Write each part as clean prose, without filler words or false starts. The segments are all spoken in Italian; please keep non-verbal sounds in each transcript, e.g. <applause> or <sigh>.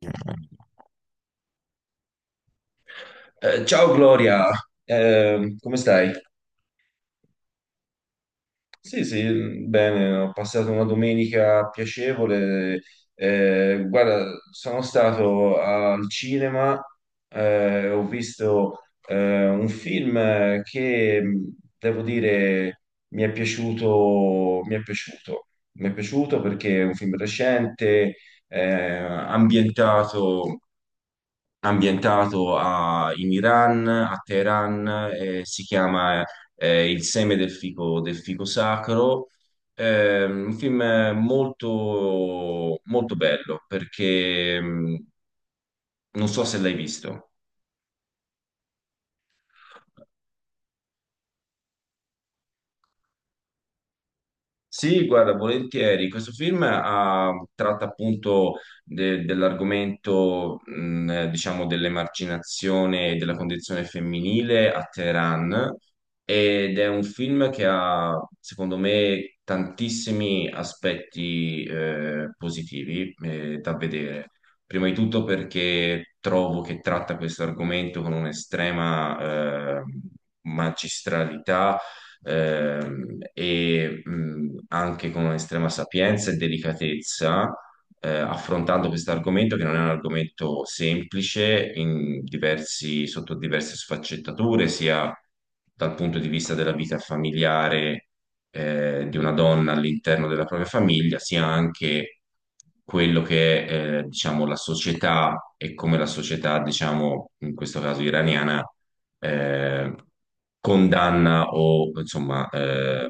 Eh, Ciao Gloria. Come stai? Sì, sì, bene, ho passato una domenica piacevole. Guarda, sono stato al cinema, ho visto un film che devo dire mi è piaciuto, mi è piaciuto, mi è piaciuto perché è un film recente, ambientato. In Iran, a Teheran, si chiama Il seme del fico, sacro. Un film molto, molto bello perché non so se l'hai visto. Sì, guarda, volentieri. Questo film tratta appunto dell'argomento, diciamo, dell'emarginazione e della condizione femminile a Teheran, ed è un film che ha, secondo me, tantissimi aspetti positivi da vedere. Prima di tutto perché trovo che tratta questo argomento con un'estrema magistralità e anche con estrema sapienza e delicatezza, affrontando questo argomento che non è un argomento semplice in sotto diverse sfaccettature, sia dal punto di vista della vita familiare, di una donna all'interno della propria famiglia, sia anche quello che è, diciamo, la società, e come la società, diciamo, in questo caso iraniana, eh, condanna o, insomma,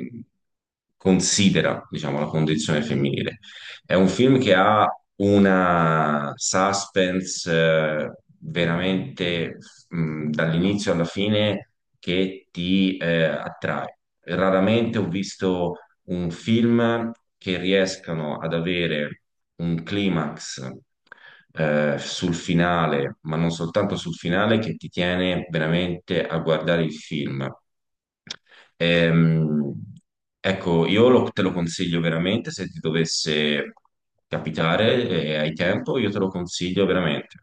considera, diciamo, la condizione femminile. È un film che ha una suspense veramente, dall'inizio alla fine, che ti attrae. Raramente ho visto un film che riescano ad avere un climax sul finale, ma non soltanto sul finale, che ti tiene veramente a guardare il film. Ehm, ecco, io te lo consiglio veramente. Se ti dovesse capitare e hai tempo, io te lo consiglio veramente.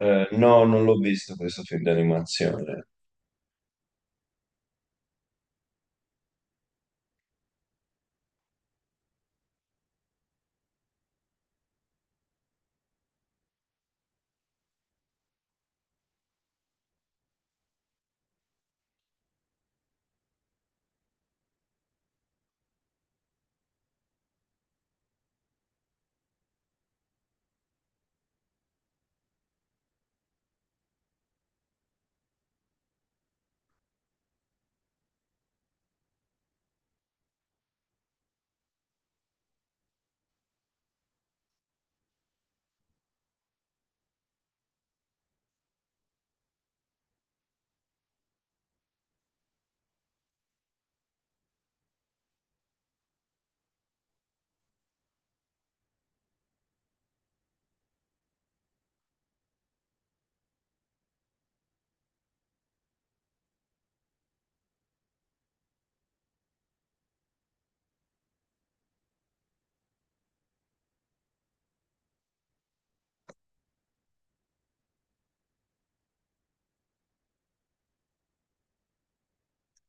No, non l'ho visto questo film di animazione.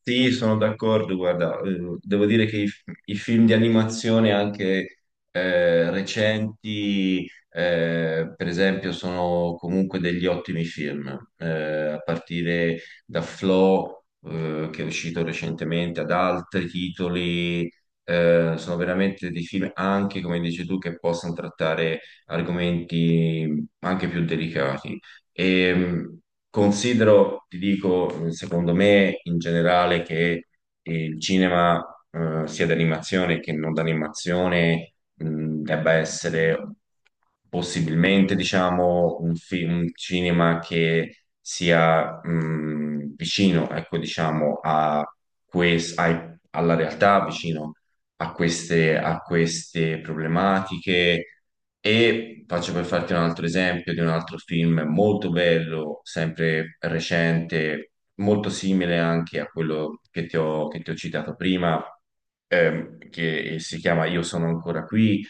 Sì, sono d'accordo, guarda, devo dire che i film di animazione anche recenti, per esempio, sono comunque degli ottimi film, a partire da Flow, che è uscito recentemente, ad altri titoli, sono veramente dei film anche, come dici tu, che possono trattare argomenti anche più delicati. E, considero, ti dico, secondo me in generale che il cinema, sia d'animazione che non d'animazione, debba essere possibilmente, diciamo, un cinema che sia, vicino, ecco, diciamo, a alla realtà, vicino a queste problematiche. E faccio per farti un altro esempio di un altro film molto bello, sempre recente, molto simile anche a quello che ti ho citato prima, che si chiama Io sono ancora qui,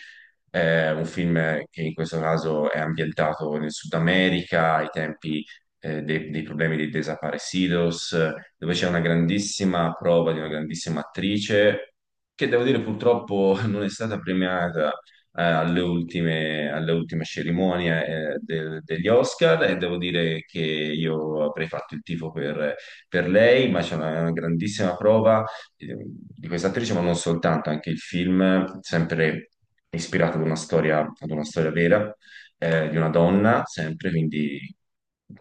un film che in questo caso è ambientato nel Sud America, ai tempi, dei problemi dei desaparecidos, dove c'è una grandissima prova di una grandissima attrice che devo dire purtroppo <laughs> non è stata premiata alle ultime cerimonie degli Oscar, e devo dire che io avrei fatto il tifo per lei, ma c'è una grandissima prova di questa attrice, ma non soltanto, anche il film, sempre ispirato ad una storia, vera, di una donna, sempre, quindi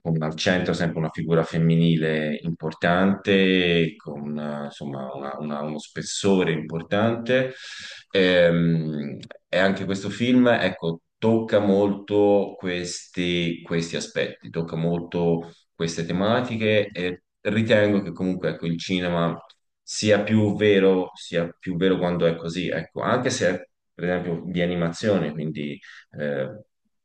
con al centro sempre una figura femminile importante, con insomma uno spessore importante. Ehm, e anche questo film, ecco, tocca molto questi aspetti, tocca molto queste tematiche, e ritengo che comunque, ecco, il cinema sia più vero quando è così, ecco, anche se è, per esempio, di animazione, quindi eh,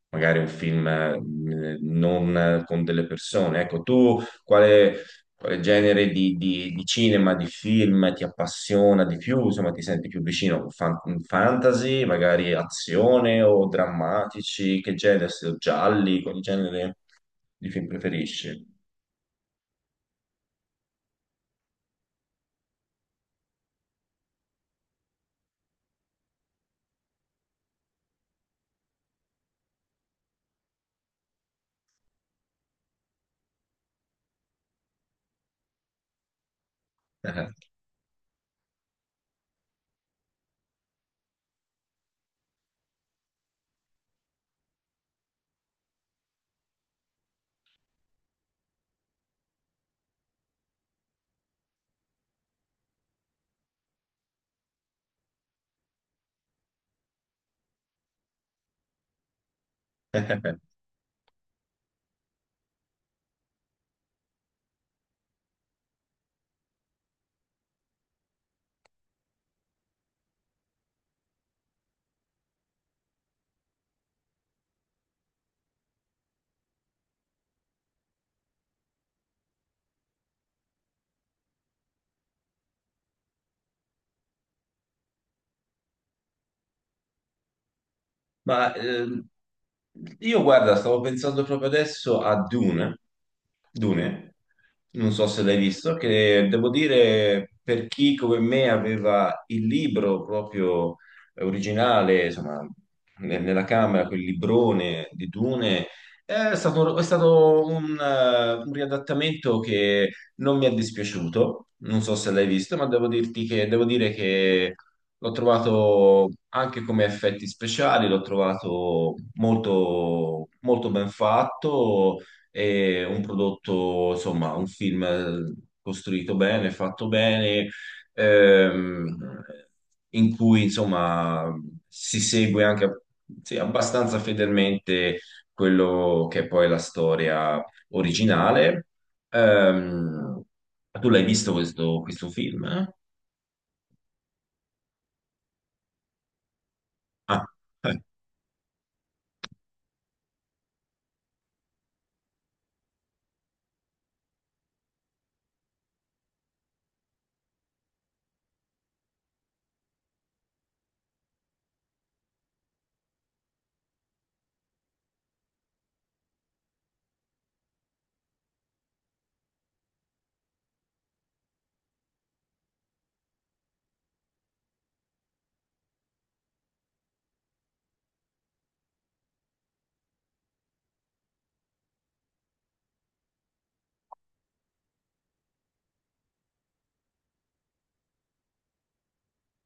magari un film non con delle persone. Ecco, tu quale genere di cinema, di film ti appassiona di più? Insomma, ti senti più vicino? Fantasy, magari azione o drammatici? Che genere? Gialli? Quali genere di film preferisci? <laughs> Ma io guarda, stavo pensando proprio adesso a Dune. Dune, non so se l'hai visto, che devo dire per chi come me aveva il libro proprio originale, insomma, nella camera, quel librone di Dune, è stato un riadattamento che non mi è dispiaciuto. Non so se l'hai visto, ma devo dire che l'ho trovato anche come effetti speciali, l'ho trovato molto, molto ben fatto, e un prodotto, insomma, un film costruito bene, fatto bene, ehm, in cui, insomma, si segue anche, sì, abbastanza fedelmente quello che è poi la storia originale. Ehm, Tu l'hai visto questo film, eh? Ah. <laughs>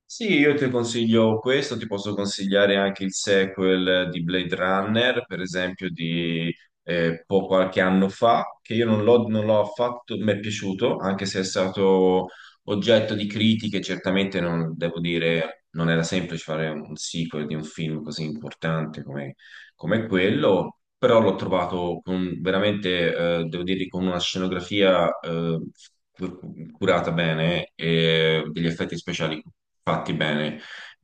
Sì, io ti consiglio questo, ti posso consigliare anche il sequel di Blade Runner, per esempio, di qualche anno fa, che io non l'ho affatto, mi è piaciuto, anche se è stato oggetto di critiche. Certamente non, devo dire, non era semplice fare un sequel di un film così importante come quello, però l'ho trovato veramente, devo dire, con una scenografia, curata bene, e degli effetti speciali fatti bene.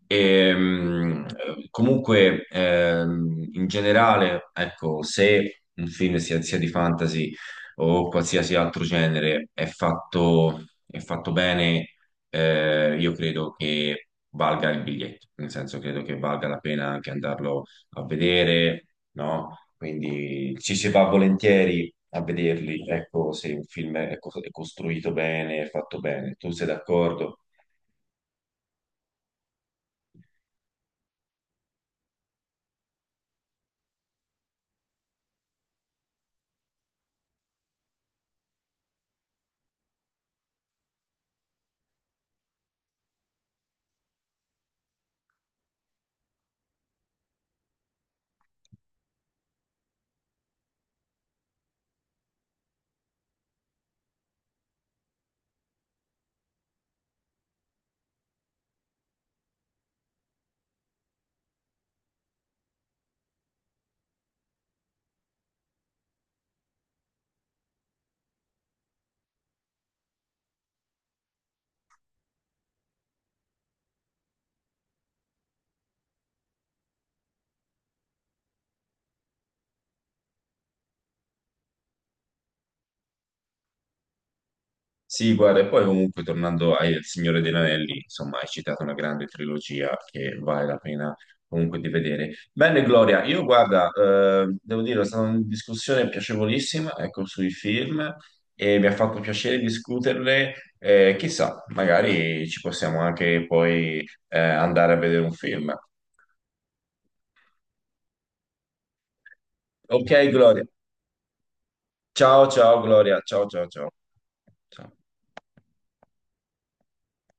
E, comunque, in generale, ecco, se un film, sia, di fantasy o qualsiasi altro genere, è fatto bene, io credo che valga il biglietto, nel senso credo che valga la pena anche andarlo a vedere, no? Quindi ci si va volentieri a vederli, ecco, se un film è costruito bene, è fatto bene. Tu sei d'accordo? Sì, guarda, e poi comunque, tornando al Signore degli Anelli, insomma, hai citato una grande trilogia che vale la pena comunque di vedere. Bene, Gloria, io guarda, devo dire, è stata una discussione piacevolissima, ecco, sui film, e mi ha fatto piacere discuterle. Chissà, magari ci possiamo anche poi andare a vedere un film. Ok, Gloria. Ciao, ciao, Gloria. Ciao, ciao, ciao. Ciao.